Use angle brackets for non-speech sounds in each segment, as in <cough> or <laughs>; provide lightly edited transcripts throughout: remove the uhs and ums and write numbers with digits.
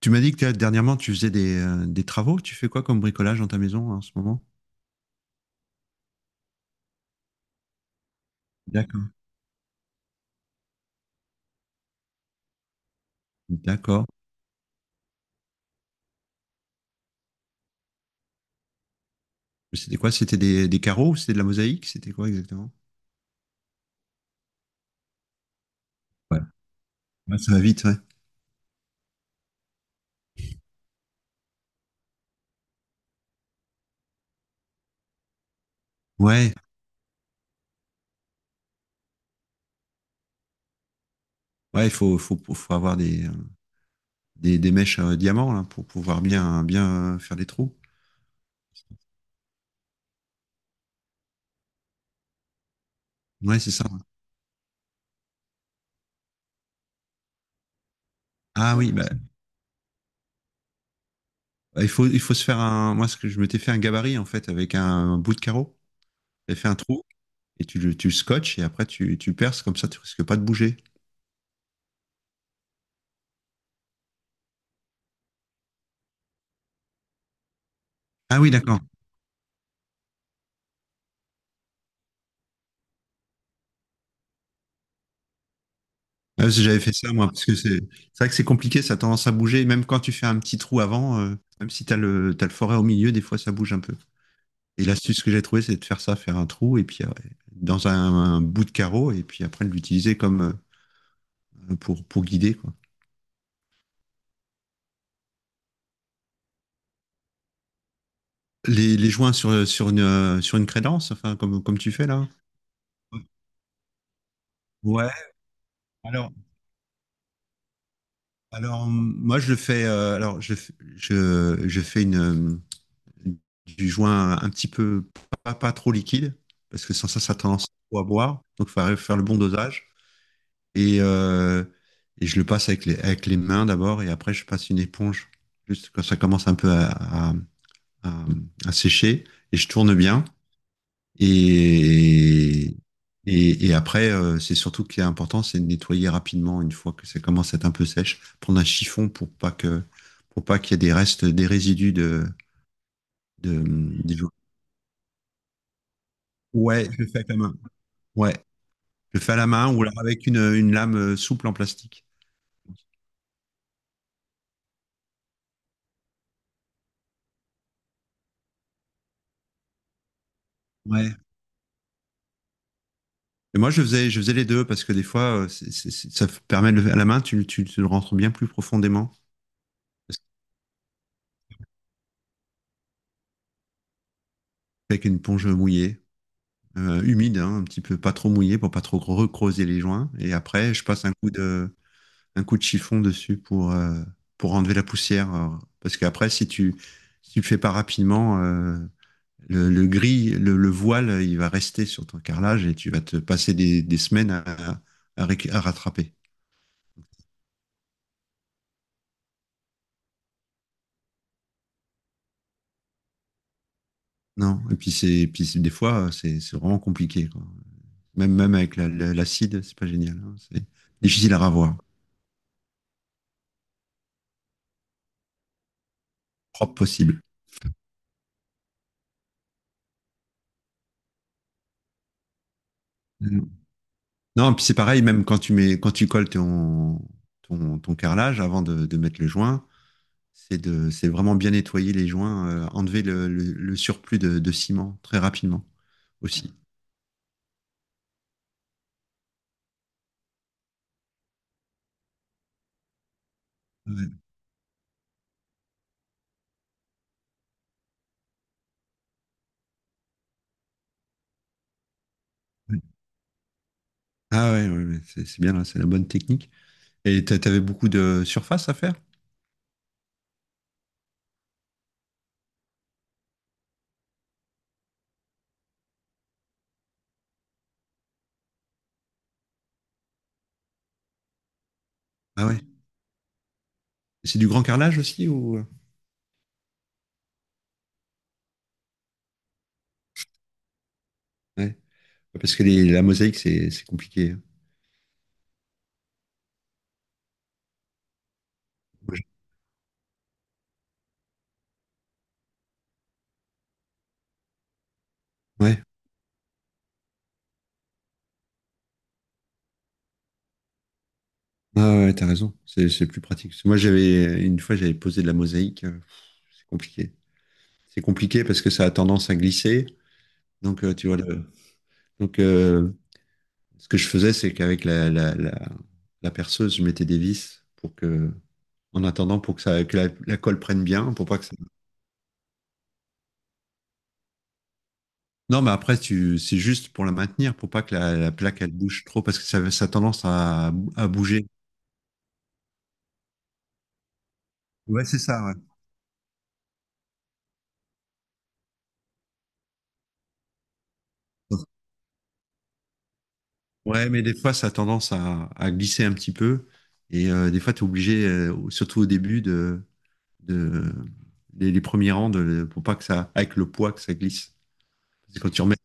Tu m'as dit que dernièrement, tu faisais des travaux. Tu fais quoi comme bricolage dans ta maison en ce moment? D'accord. D'accord. C'était quoi? C'était des carreaux? C'était de la mosaïque? C'était quoi exactement? Ouais. Ouais, ça va vite, ouais. Ouais, ouais, il faut, faut avoir des mèches diamants là, pour pouvoir bien, bien faire des trous. Ouais, c'est ça. Ah oui, bah, bah, il faut se faire un. Moi, ce que je m'étais fait un gabarit en fait avec un bout de carreau. J'ai fait un trou et tu le scotches et après tu perces comme ça, tu risques pas de bouger. Ah oui, d'accord. Ouais, si j'avais fait ça, moi, parce que c'est vrai que c'est compliqué, ça a tendance à bouger. Et même quand tu fais un petit trou avant, même si t'as le forêt au milieu, des fois ça bouge un peu. Et l'astuce que j'ai trouvée, c'est de faire ça, faire un trou, et puis dans un bout de carreau, et puis après de l'utiliser comme pour guider, quoi. Les joints sur une crédence, enfin, comme, comme tu fais là. Ouais, alors, alors moi je le fais, alors je fais une, du joint un petit peu pas trop liquide, parce que sans ça, ça a tendance à boire. Donc, il faut faire le bon dosage. Et, euh, et je le passe avec les mains d'abord, et après, je passe une éponge, juste quand ça commence un peu à, à sécher, et je tourne bien. Et, et après, c'est surtout ce qui est important, c'est de nettoyer rapidement une fois que ça commence à être un peu sèche. Prendre un chiffon pour pas qu'il y ait des restes, des résidus de, des… Ouais, je le fais avec la main. Ouais, je le fais à la main ou alors avec une lame souple en plastique. Ouais. Et moi, je faisais les deux parce que des fois, ça permet à la main, tu le rentres bien plus profondément. Parce que… Avec une ponge mouillée, humide, hein, un petit peu pas trop mouillée pour pas trop recreuser les joints. Et après, je passe un coup de chiffon dessus pour enlever la poussière. Parce qu'après, si tu le fais pas rapidement, le gris, voile, il va rester sur ton carrelage et tu vas te passer des semaines à rattraper. Non, et puis c'est des fois c'est vraiment compliqué. Quoi. Même même avec l'acide, l'acide, c'est pas génial. Hein. C'est difficile à ravoir, propre possible. Mm. Non, et puis c'est pareil, même quand tu mets, quand tu colles ton, ton carrelage avant mettre le joint, c'est de, c'est vraiment bien nettoyer les joints, enlever le surplus ciment très rapidement aussi. Ouais. Ah ouais, ouais, ouais, c'est bien là, c'est la bonne technique. Et t'avais beaucoup de surface à faire? Ah ouais. C'est du grand carrelage aussi ou… Ouais. Parce que la mosaïque, c'est compliqué, hein. Ouais. Ouais, ah ouais, ouais, t'as raison. C'est plus pratique. Parce que moi, j'avais une fois, j'avais posé de la mosaïque. C'est compliqué. C'est compliqué parce que ça a tendance à glisser. Donc, tu vois, donc ce que je faisais, c'est qu'avec la perceuse, je mettais des vis pour que, en attendant, pour que ça, que la colle prenne bien, pour pas que ça… Non, mais après, tu, c'est juste pour la maintenir, pour pas que la plaque, elle bouge trop, parce que ça a tendance à bouger. Ouais, c'est ça, ouais. Ouais, mais des fois, ça a tendance à glisser un petit peu. Et des fois, tu es obligé, surtout au début, de, les premiers rangs, de, pour pas que ça, avec le poids, que ça glisse. C'est quand tu remets.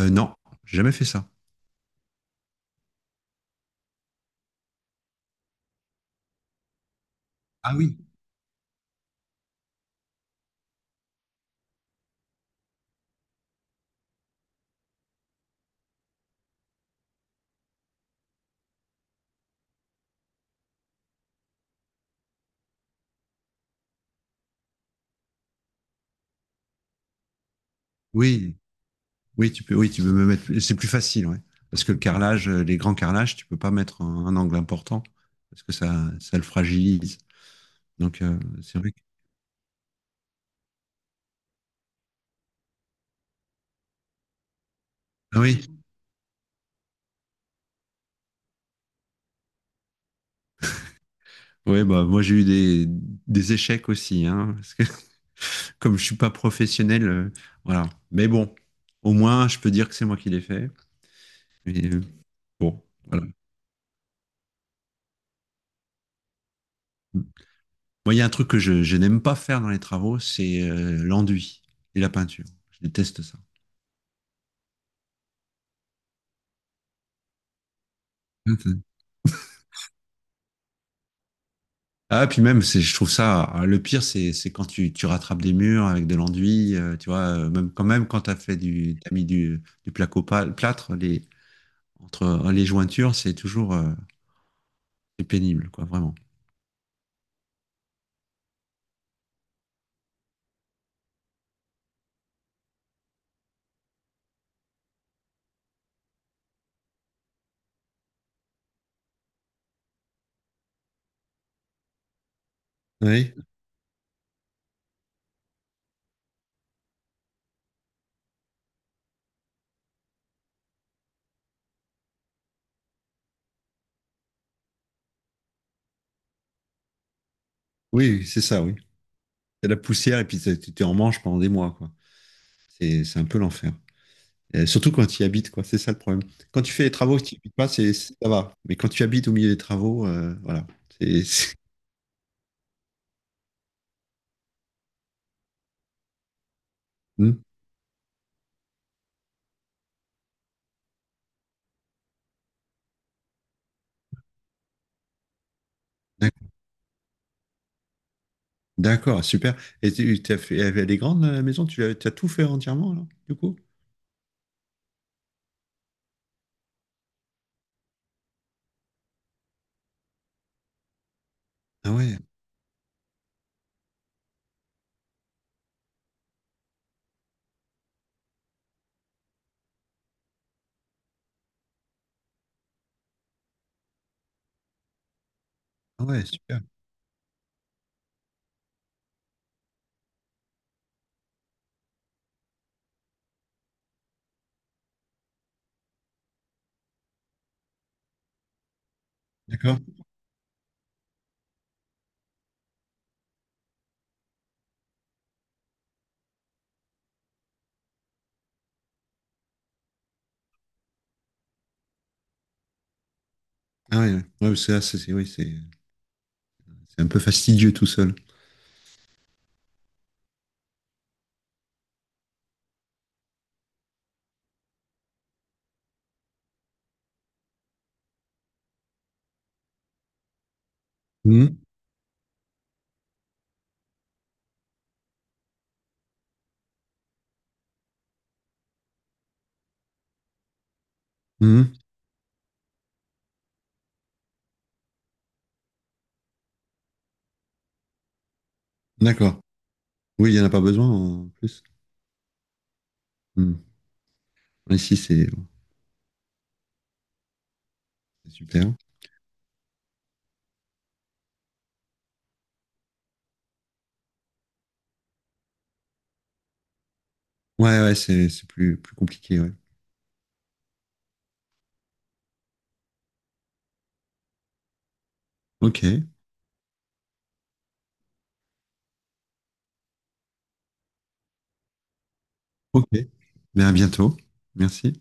Non, j'ai jamais fait ça. Ah oui. Oui, oui, tu peux me mettre. C'est plus facile, ouais. Parce que le carrelage, les grands carrelages, tu peux pas mettre un angle important, parce que ça le fragilise. Donc, c'est vrai que- Ah oui, ouais, bah, moi j'ai eu des échecs aussi, hein, parce que <laughs> comme je suis pas professionnel, voilà. Mais bon, au moins je peux dire que c'est moi qui l'ai fait. Mais, bon, voilà. Moi, il y a un truc que je n'aime pas faire dans les travaux, c'est l'enduit et la peinture. Je déteste ça. Ok. Ah, puis même, c'est, je trouve ça, ah, le pire, c'est quand tu rattrapes des murs avec de l'enduit, tu vois, même quand t'as fait t'as mis du plâtre, les, entre les jointures, c'est toujours pénible, quoi, vraiment. Oui, oui, c'est ça, oui. C'est la poussière et puis tu en manche pendant des mois, quoi. C'est un peu l'enfer. Et surtout quand tu y habites, quoi. C'est ça le problème. Quand tu fais les travaux, si tu n'y habites pas, c'est, ça va. Mais quand tu habites au milieu des travaux, voilà. C'est- Hmm. D'accord, super. Et tu as fait, elle est grande, la maison? Tu as tout fait entièrement, alors, du coup? Ah ouais, ah ouais, super. D'accord. Ah ouais, ouais. Ouais, parce que là, c'est- oui, c'est un peu fastidieux tout seul. Hmm. Hmm. D'accord. Oui, il n'y en a pas besoin en plus. Hmm. Ici, c'est super. Ouais, ouais, c'est plus, plus compliqué. Ouais. Ok, ok. Mais à bientôt. Merci.